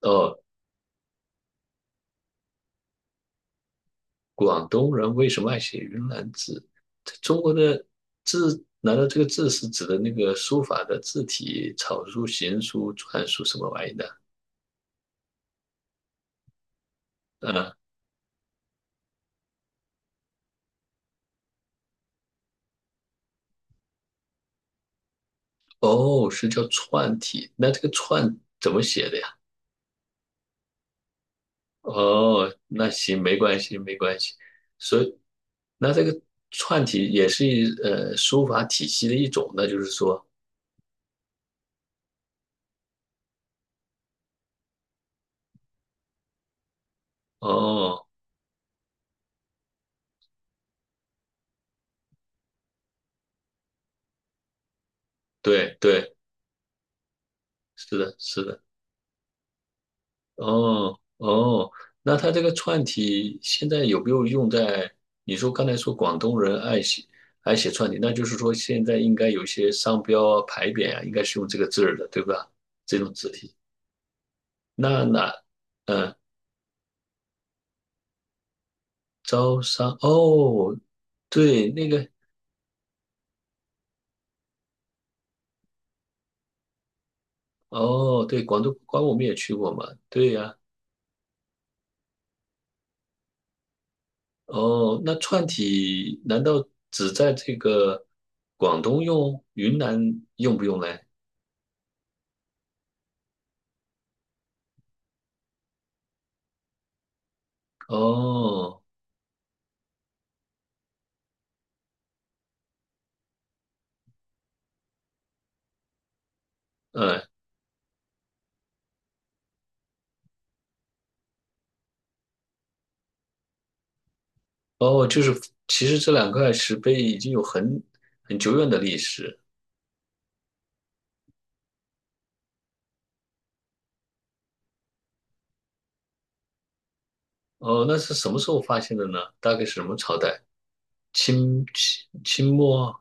哦，广东人为什么爱写云南字？它中国的字，难道这个字是指的那个书法的字体、草书、行书、篆书什么玩意的？嗯，哦，是叫篆体。那这个篆怎么写的呀？哦，那行，没关系，没关系。所以，那这个篆体也是一书法体系的一种，那就是说，哦，对对，是的，是的。哦哦，那他这个串体现在有没有用在？你说刚才说广东人爱写串体，那就是说现在应该有些商标啊、牌匾啊，应该是用这个字儿的，对吧？这种字体。那那嗯，招商哦，对，那个哦，对，广东关我们也去过嘛，对呀、哦，那串体难道只在这个广东用，云南用不用嘞？哦。嗯，哦，就是其实这两块石碑已经有很久远的历史。哦，那是什么时候发现的呢？大概是什么朝代？清末？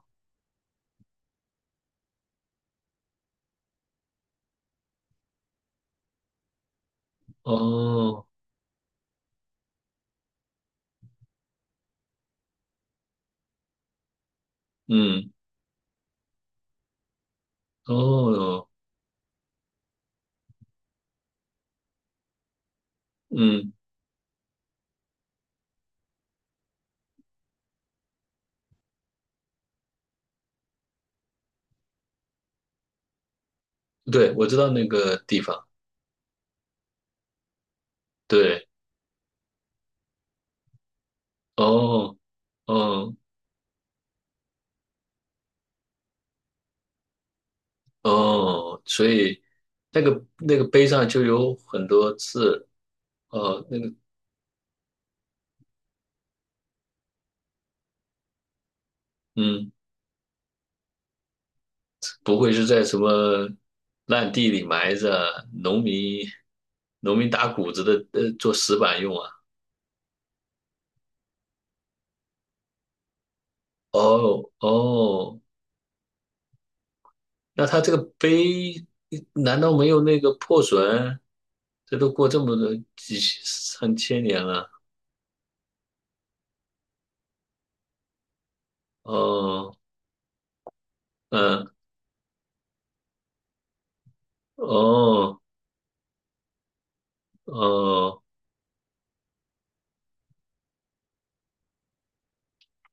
哦，嗯，哦，嗯，对，我知道那个地方。对，哦，哦，哦，所以那个碑上就有很多字。哦，那个，嗯。不会是在什么烂地里埋着，农民打谷子的，做石板用啊？哦哦，那他这个碑难道没有那个破损？这都过这么多几上千年了。哦，嗯，哦哦，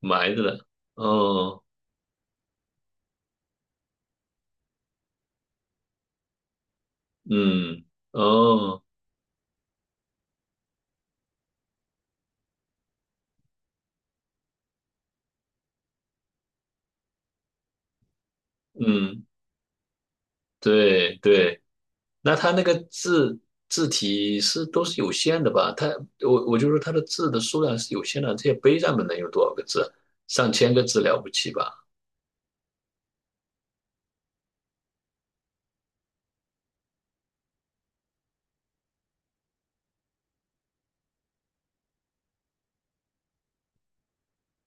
埋着了。哦，嗯，哦，嗯，对对。那它那个字字体是都是有限的吧？它我就说它的字的数量是有限的，这些碑上面能有多少个字啊？上千个字了不起吧？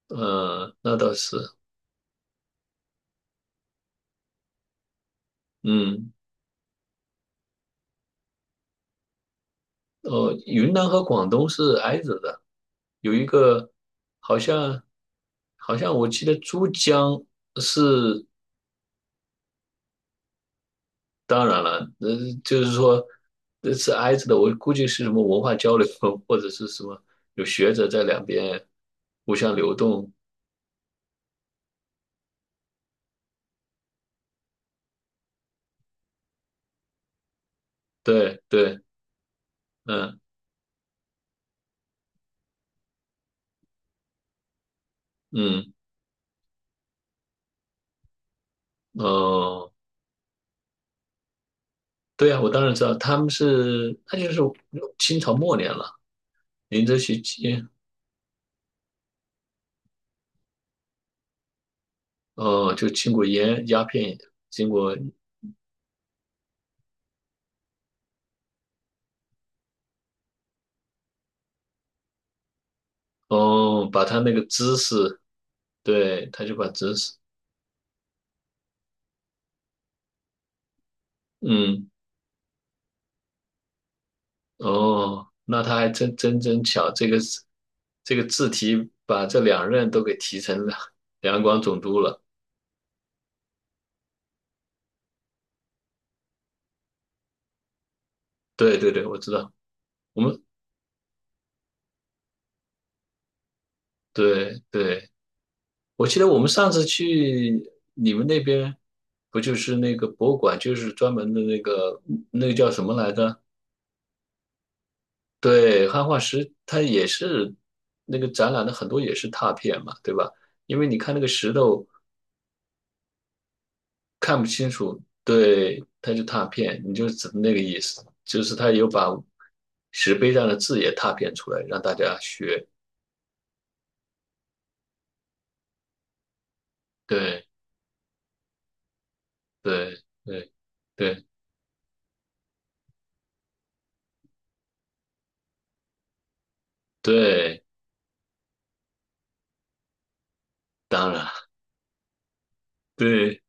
嗯，那倒是，嗯，哦，云南和广东是挨着的，有一个好像我记得珠江是，当然了，就是说是挨着的，我估计是什么文化交流 或者是什么有学者在两边互相流动对对，嗯嗯哦，对啊，我当然知道，他们是那就是清朝末年了，林则徐经哦，就经过烟鸦片，经过哦，把他那个知识，对，他就把知识，嗯哦，那他还真巧，这个字题把这两任都给提成了 两广总督了，对对对，我知道，我们对对。我记得我们上次去你们那边，不就是那个博物馆，就是专门的那个叫什么来着？对，汉化石，它也是那个展览的很多也是拓片嘛，对吧？因为你看那个石头看不清楚，对，它就拓片，你就只那个意思，就是它有把石碑上的字也拓片出来，让大家学。对对对对对，当然对。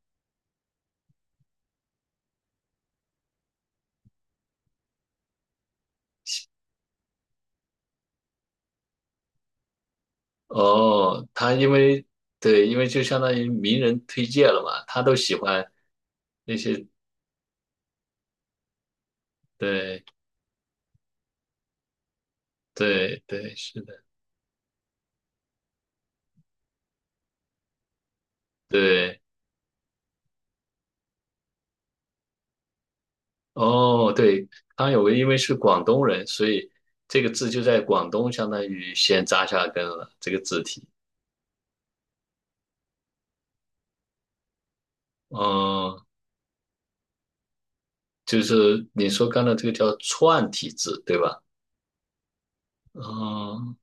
哦，他因为对，因为就相当于名人推荐了嘛，他都喜欢那些，对对对，是的，对，哦，对，康有为因为是广东人，所以这个字就在广东相当于先扎下根了，这个字体，嗯，就是你说刚才这个叫串体字，对吧？嗯，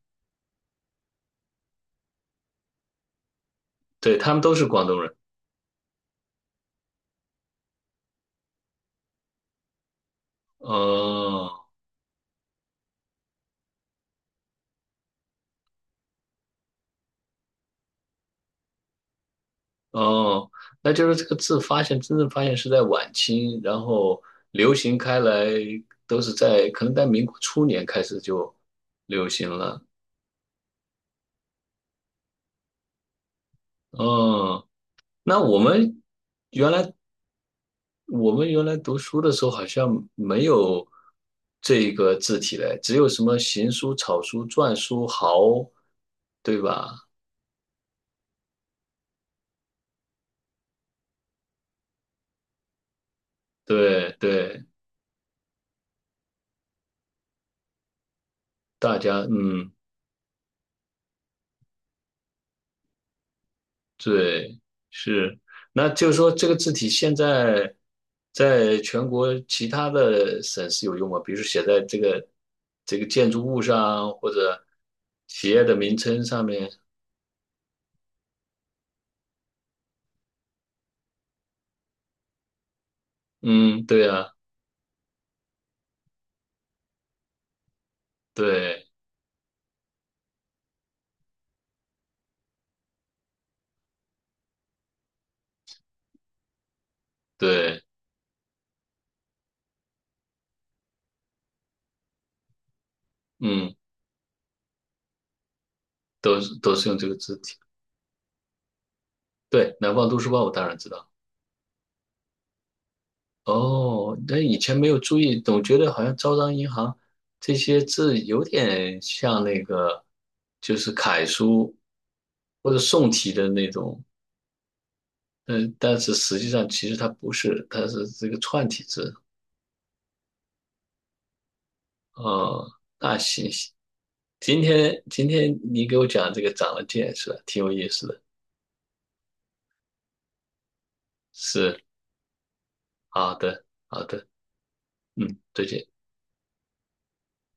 对，他们都是广东人，嗯。哦，那就是这个字发现，真正发现是在晚清，然后流行开来都是在可能在民国初年开始就流行了。哦，那我们原来读书的时候好像没有这个字体嘞，只有什么行书、草书、篆书、豪，对吧？对对，大家嗯。对，是，那就是说这个字体现在在全国其他的省市有用吗？比如说写在这个建筑物上，或者企业的名称上面。嗯，对啊，对对，嗯，都是都是用这个字体。对，南方都市报我当然知道。哦，那以前没有注意，总觉得好像招商银行这些字有点像那个，就是楷书或者宋体的那种，嗯，但是实际上其实它不是，它是这个串体字。哦，那行，今天你给我讲这个长了见识了，挺有意思的。是，好的，好的，嗯，再见。